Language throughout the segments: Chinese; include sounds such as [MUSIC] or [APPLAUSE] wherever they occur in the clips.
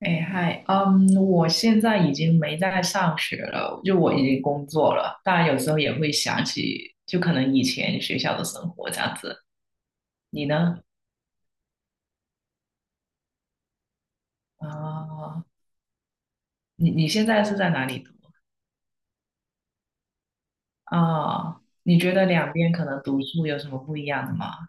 哎嗨，嗯，我现在已经没在上学了，就我已经工作了。当然，有时候也会想起，就可能以前学校的生活这样子。你呢？啊、你现在是在哪里读？啊、你觉得两边可能读书有什么不一样的吗？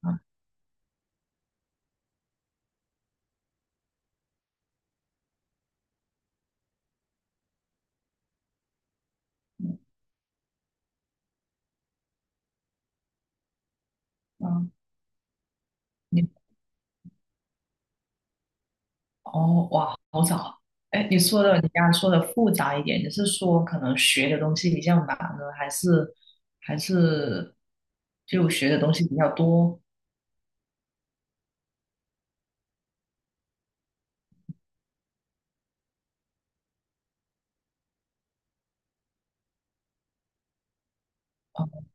啊，嗯，嗯你哦，哇，好早。哎，你说的，你刚刚说的复杂一点，你是说可能学的东西比较难呢，还是就学的东西比较多？哦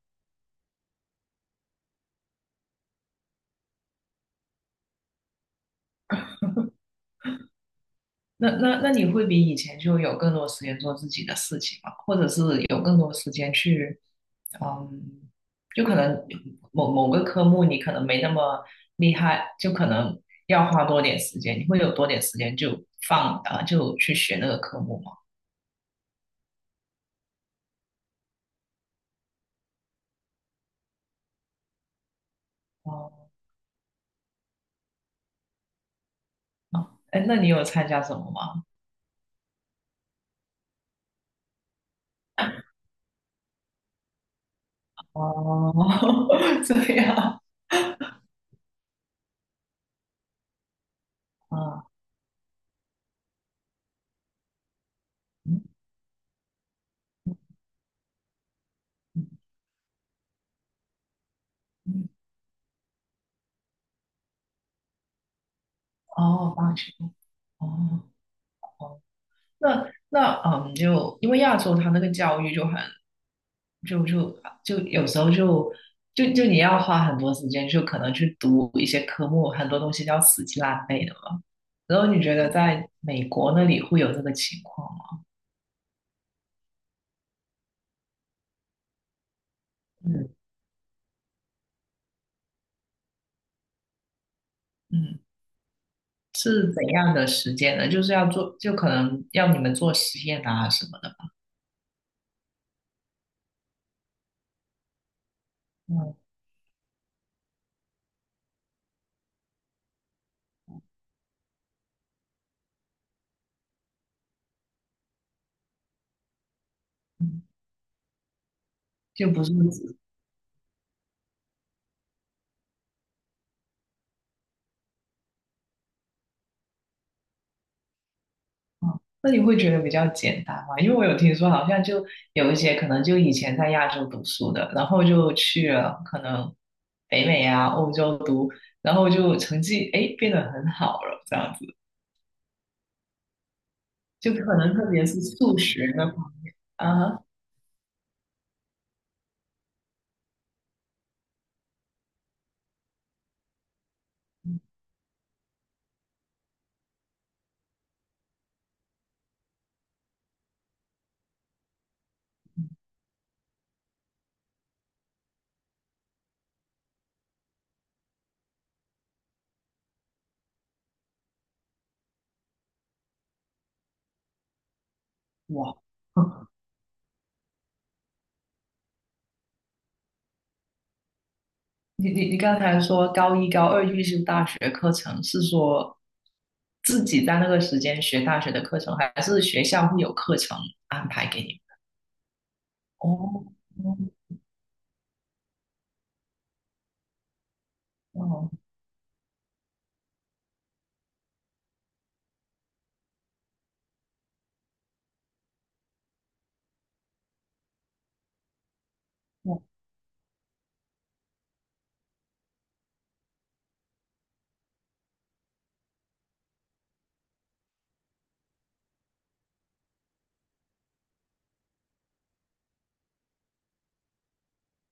那你会比以前就有更多时间做自己的事情吗？或者是有更多时间去，嗯，就可能某某个科目你可能没那么厉害，就可能要花多点时间，你会有多点时间就放啊，就去学那个科目吗？哦，哦哎，那你有参加什么吗？哦，[LAUGHS] 这样啊，嗯嗯嗯，哦，棒球，哦。那嗯，就因为亚洲它那个教育就很就有时候就你要花很多时间，就可能去读一些科目，很多东西要死记烂背的嘛。然后你觉得在美国那里会有这个情况吗？嗯嗯，是怎样的时间呢？就是要做，就可能要你们做实验啊什么的。嗯嗯，就不是。哦，那你会觉得比较简单吗？因为我有听说，好像就有一些可能就以前在亚洲读书的，然后就去了可能北美啊、欧洲读，然后就成绩哎变得很好了，这样子，就可能特别是数学的话啊，哇，[LAUGHS] 你刚才说高一高二预修大学课程是说自己在那个时间学大学的课程，还是学校会有课程安排给你？哦哦哦。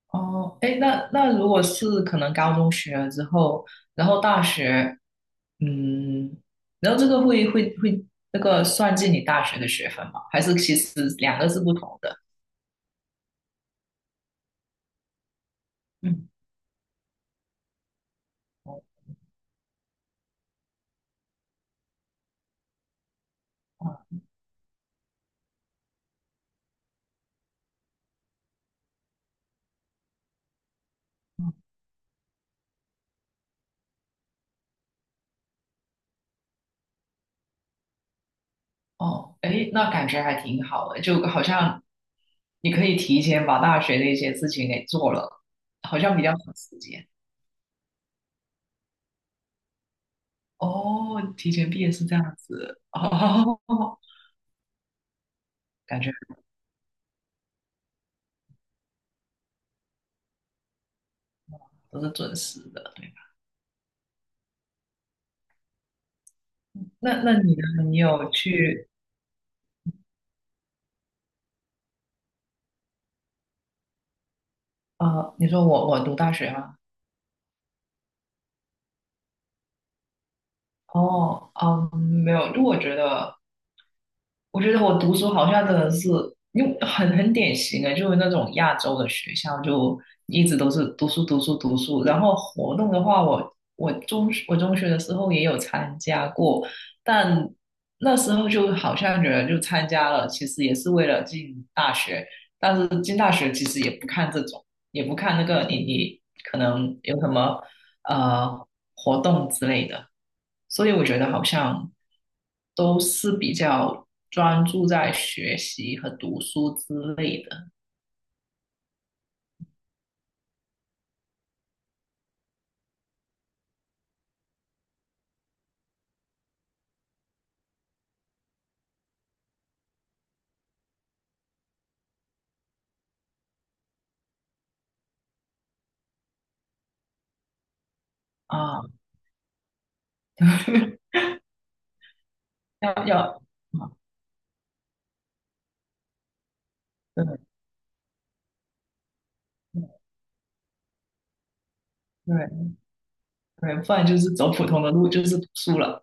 哦，哎，那如果是可能高中学了之后，然后大学，嗯，然后这个会那个算进你大学的学分吗？还是其实两个是不同的？嗯，哦，嗯哦，哎，那感觉还挺好的，就好像你可以提前把大学的一些事情给做了，好像比较省时间。哦，提前毕业是这样子，哦，[LAUGHS] 感觉都是准时的，对吧？那你呢？你有去？啊，你说我读大学吗？哦，嗯，没有，就我觉得，我觉得我读书好像真的是，因为很典型的，就是那种亚洲的学校，就一直都是读书读书读书。然后活动的话，我中学的时候也有参加过，但那时候就好像觉得就参加了，其实也是为了进大学，但是进大学其实也不看这种，也不看那个你可能有什么呃活动之类的，所以我觉得好像都是比较专注在学习和读书之类的啊，[LAUGHS] 要要啊，对对对，不然就是走普通的路，就是读书了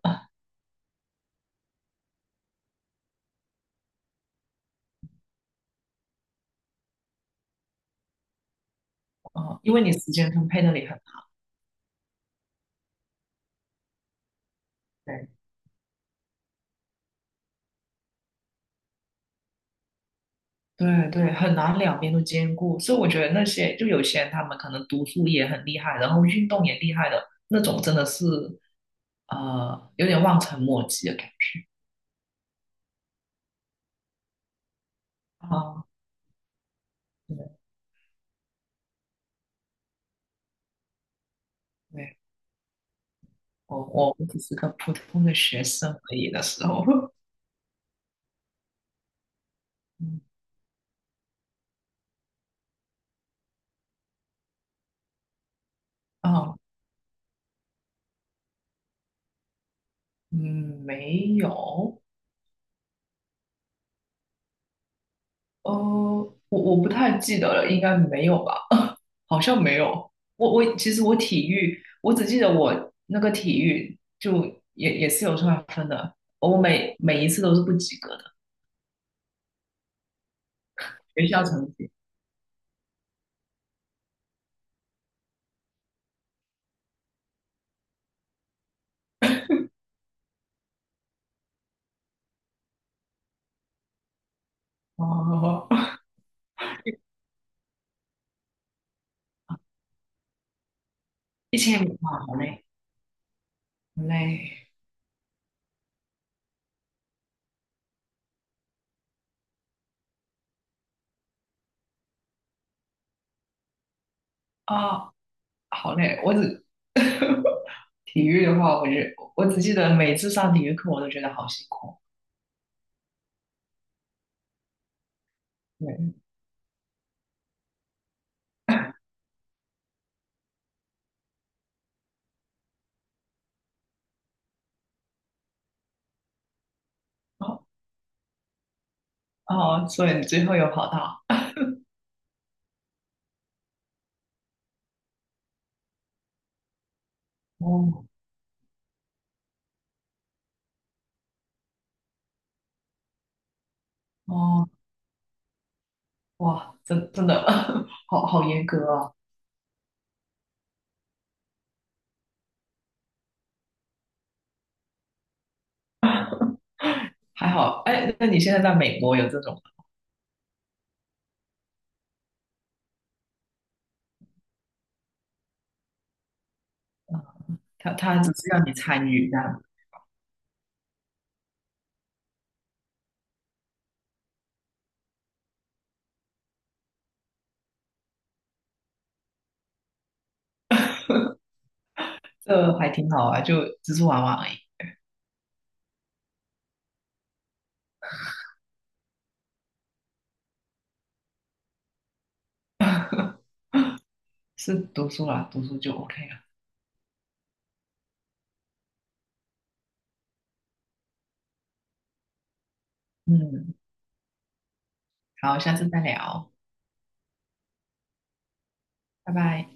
啊，因为你时间分配那里很好对。对对，很难两边都兼顾，所以我觉得那些就有些人他们可能读书也很厉害，然后运动也厉害的那种，真的是有点望尘莫及的感觉啊，啊对对，我只是个普通的学生而已的时候，[LAUGHS] 嗯哦嗯没有。哦，我不太记得了，应该没有吧？[LAUGHS] 好像没有。我其实我体育，我只记得我那个体育就也是有算分的，我每一次都是不及格的，学校成绩。哦，1000米哇，好累，好累啊，好累。我只 [LAUGHS] 体育的话，我只记得每次上体育课我都觉得好辛苦。对，哦哦，所以你最后有跑到？哦哦。哇，真的 [LAUGHS] 好严格啊！还好，哎，那你现在在美国有这种吗？他只是让你参与这样，这还挺好啊，就只是玩玩而已，是读书啦，读书就 OK 了。嗯，好，下次再聊，拜拜。